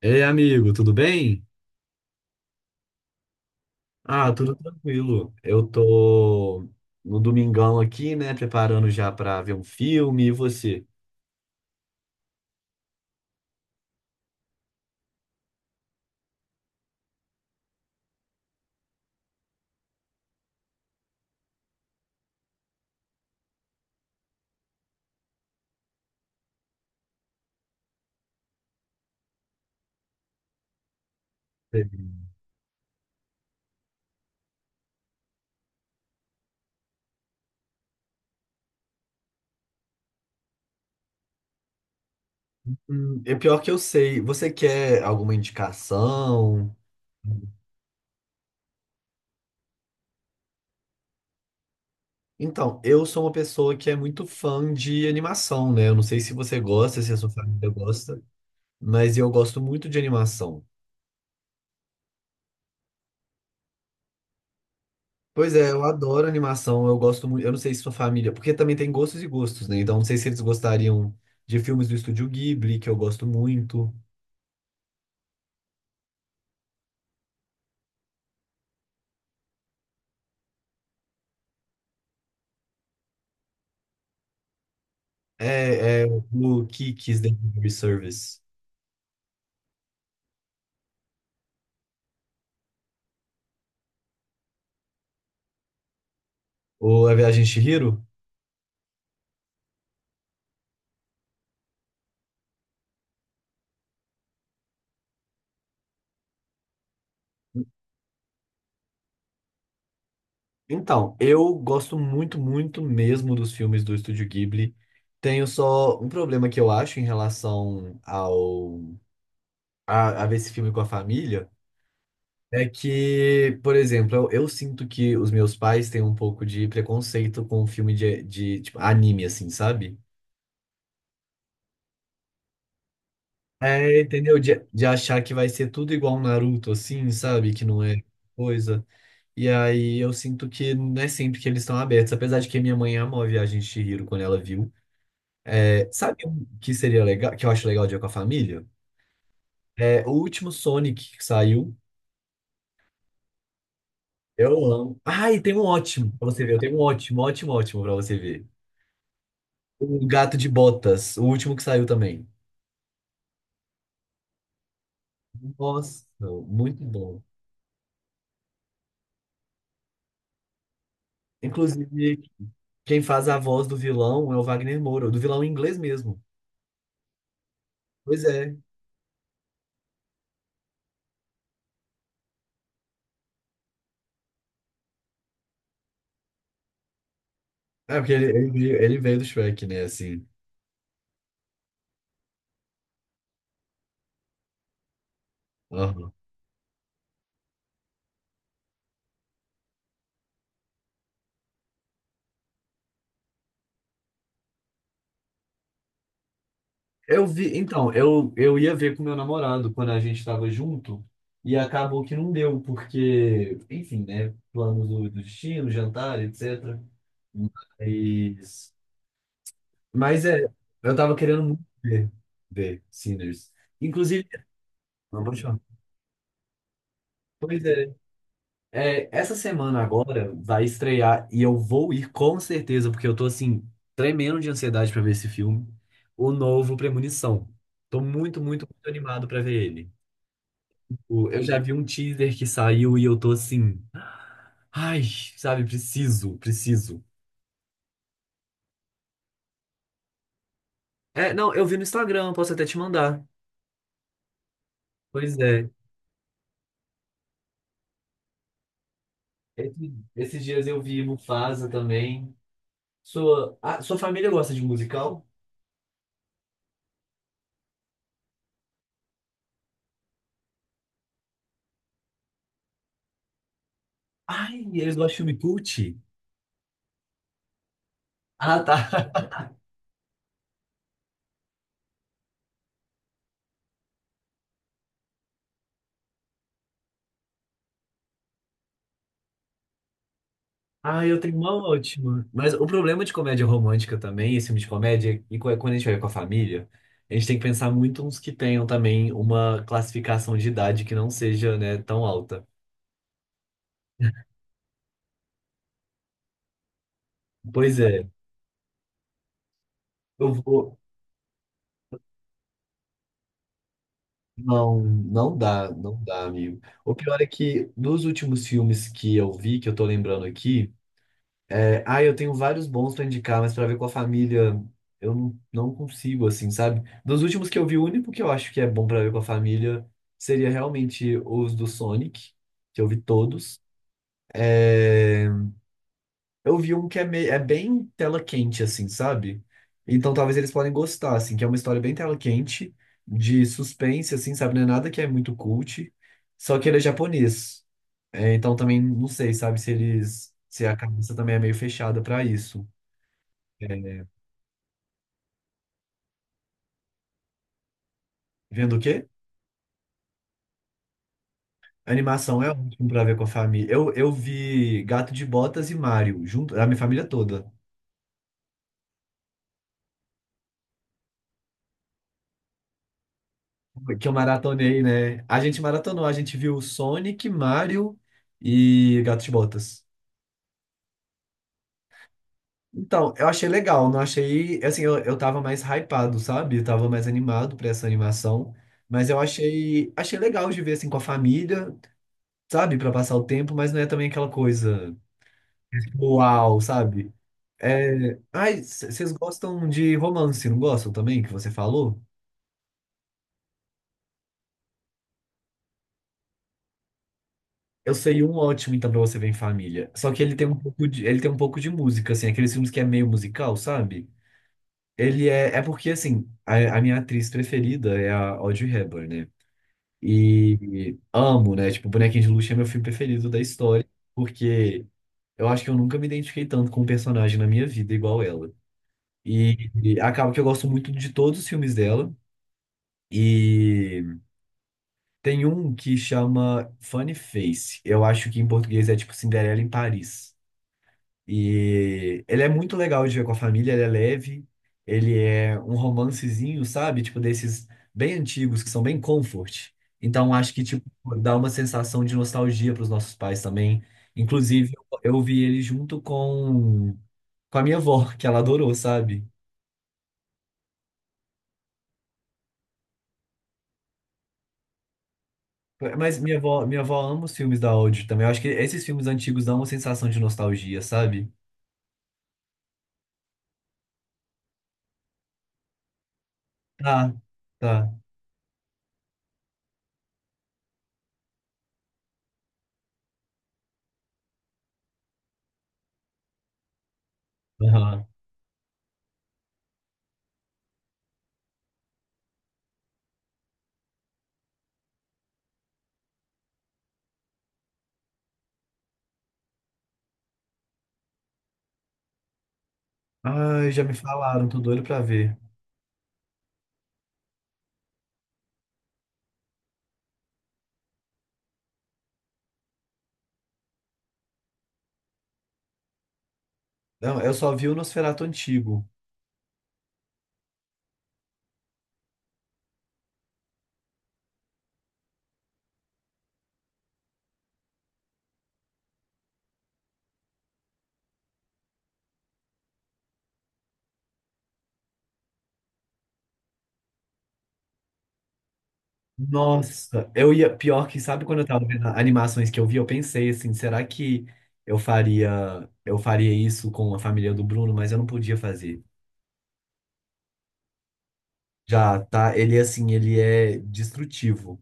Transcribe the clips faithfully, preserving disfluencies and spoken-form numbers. Ei, amigo, tudo bem? Ah, tudo tranquilo. Eu tô no domingão aqui, né, preparando já pra ver um filme. E você? Hum, é pior que eu sei. Você quer alguma indicação? Então, eu sou uma pessoa que é muito fã de animação, né? Eu não sei se você gosta, se a sua família gosta, mas eu gosto muito de animação. Pois é, eu adoro animação, eu gosto muito, eu não sei se sua família, porque também tem gostos e gostos, né? Então não sei se eles gostariam de filmes do Estúdio Ghibli, que eu gosto muito. É, é o Kiki's Delivery Service, ou A Viagem de Chihiro. Então, eu gosto muito, muito mesmo dos filmes do Estúdio Ghibli. Tenho só um problema que eu acho em relação ao a, a ver esse filme com a família. É que, por exemplo, eu, eu sinto que os meus pais têm um pouco de preconceito com filme de, de tipo, anime, assim, sabe? É, entendeu? De, de achar que vai ser tudo igual um Naruto, assim, sabe? Que não é coisa. E aí eu sinto que não é sempre que eles estão abertos. Apesar de que minha mãe amou a Viagem de Chihiro quando ela viu. É, sabe um que seria legal, que eu acho legal de ir com a família? É o último Sonic que saiu. Eu amo. Ah, e tem um ótimo pra você ver. Eu tenho um ótimo, ótimo, ótimo pra você ver. O Gato de Botas, o último que saiu também. Nossa, muito bom. Inclusive, quem faz a voz do vilão é o Wagner Moura, do vilão em inglês mesmo. Pois é. É, porque ele, ele veio ele veio do Shrek, né? Assim. Aham. Eu vi, então, eu, eu ia ver com meu namorado quando a gente estava junto, e acabou que não deu, porque, enfim, né? Planos do, do destino, jantar, etcétera. Mas, mas é, eu tava querendo muito ver, ver Sinners. Inclusive, não baixou. Pois é. É, essa semana agora vai estrear e eu vou ir com certeza, porque eu tô assim, tremendo de ansiedade pra ver esse filme. O novo Premonição. Tô muito, muito, muito animado pra ver ele. O- Eu já vi um teaser que saiu e eu tô assim, ai, sabe, preciso, preciso. É, não, eu vi no Instagram, posso até te mandar. Pois é. Esse- Esses dias eu vi Mufasa também. Sua, ah, sua família gosta de musical? Ai, eles gostam de filme cult? Ah, tá. Ah, eu tenho uma ótima. Mas o problema de comédia romântica também, esse filme de comédia, e co- é quando a gente vai com a família, a gente tem que pensar muito uns que tenham também uma classificação de idade que não seja, né, tão alta. Pois é, eu vou. Não, não dá, não dá, amigo. O pior é que dos últimos filmes que eu vi, que eu tô lembrando aqui. É, ah, eu tenho vários bons pra indicar, mas pra ver com a família eu não, não consigo, assim, sabe? Dos últimos que eu vi, o único que eu acho que é bom pra ver com a família seria realmente os do Sonic, que eu vi todos. Eu vi um que é, meio, é bem tela quente, assim, sabe? Então talvez eles podem gostar, assim, que é uma história bem tela quente, de suspense, assim, sabe? Não é nada que é muito cult, só que ele é japonês. É, então também não sei, sabe, se eles, se a cabeça também é meio fechada pra isso. É, vendo o quê? Animação é ótimo pra ver com a família. Eu, eu vi Gato de Botas e Mario, junto, a minha família toda, que eu maratonei, né? A gente maratonou, a gente viu Sonic, Mario e Gato de Botas. Então, eu achei legal, não achei. Assim, eu, eu tava mais hypado, sabe? Eu tava mais animado pra essa animação. Mas eu achei, achei legal de ver assim com a família, sabe? Pra passar o tempo, mas não é também aquela coisa uau, sabe? É... Ai, c- vocês gostam de romance, não gostam também, que você falou? Eu sei um ótimo, então, pra você ver em família. Só que ele tem um pouco de, ele tem um pouco de música, assim, aqueles filmes que é meio musical, sabe? Ele é, é porque, assim, a, a minha atriz preferida é a Audrey Hepburn, né? E amo, né? Tipo, Bonequinho de Luxo é meu filme preferido da história, porque eu acho que eu nunca me identifiquei tanto com um personagem na minha vida igual ela. E, e acaba que eu gosto muito de todos os filmes dela. E tem um que chama Funny Face. Eu acho que em português é tipo Cinderela em Paris. E ele é muito legal de ver com a família, ele é leve, ele é um romancezinho, sabe? Tipo, desses bem antigos, que são bem comfort. Então, acho que, tipo, dá uma sensação de nostalgia para os nossos pais também. Inclusive, eu vi ele junto com, com a minha avó, que ela adorou, sabe? Mas minha avó, minha avó ama os filmes da Audi também. Eu acho que esses filmes antigos dão uma sensação de nostalgia, sabe? Tá, tá. Aham. Ai, já me falaram, tô doido pra ver. Não, eu só vi o Nosferatu antigo. Nossa, eu ia. Pior que, sabe quando eu tava vendo animações que eu vi, eu pensei assim, será que eu faria, eu faria isso com a família do Bruno, mas eu não podia fazer. Já, tá? Ele, assim, ele é destrutivo.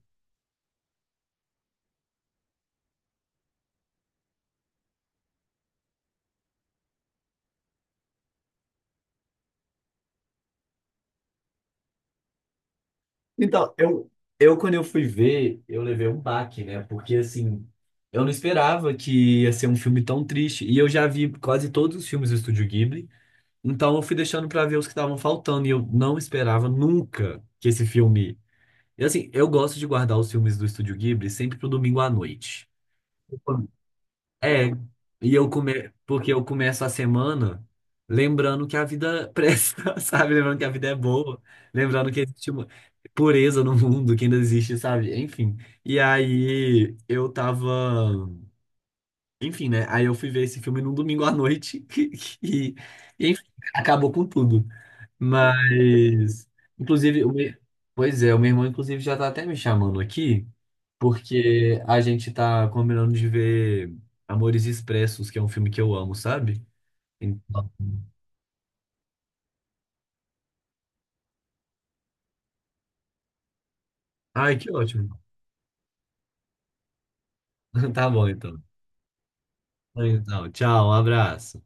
Então, eu, eu quando eu fui ver, eu levei um baque, né? Porque, assim, eu não esperava que ia ser um filme tão triste. E eu já vi quase todos os filmes do Estúdio Ghibli. Então, eu fui deixando pra ver os que estavam faltando. E eu não esperava nunca que esse filme E assim, eu gosto de guardar os filmes do Estúdio Ghibli sempre pro domingo à noite. É, e eu come... porque eu começo a semana lembrando que a vida presta, sabe? Lembrando que a vida é boa, lembrando que existe uma pureza no mundo, que ainda existe, sabe? Enfim. E aí eu tava, enfim, né? Aí eu fui ver esse filme num domingo à noite e, e, enfim, acabou com tudo. Mas, inclusive, o meu... pois é, o meu irmão inclusive já tá até me chamando aqui porque a gente tá combinando de ver Amores Expressos, que é um filme que eu amo, sabe? Então- Ai, que ótimo. Tá bom, então. Então, tchau, um abraço.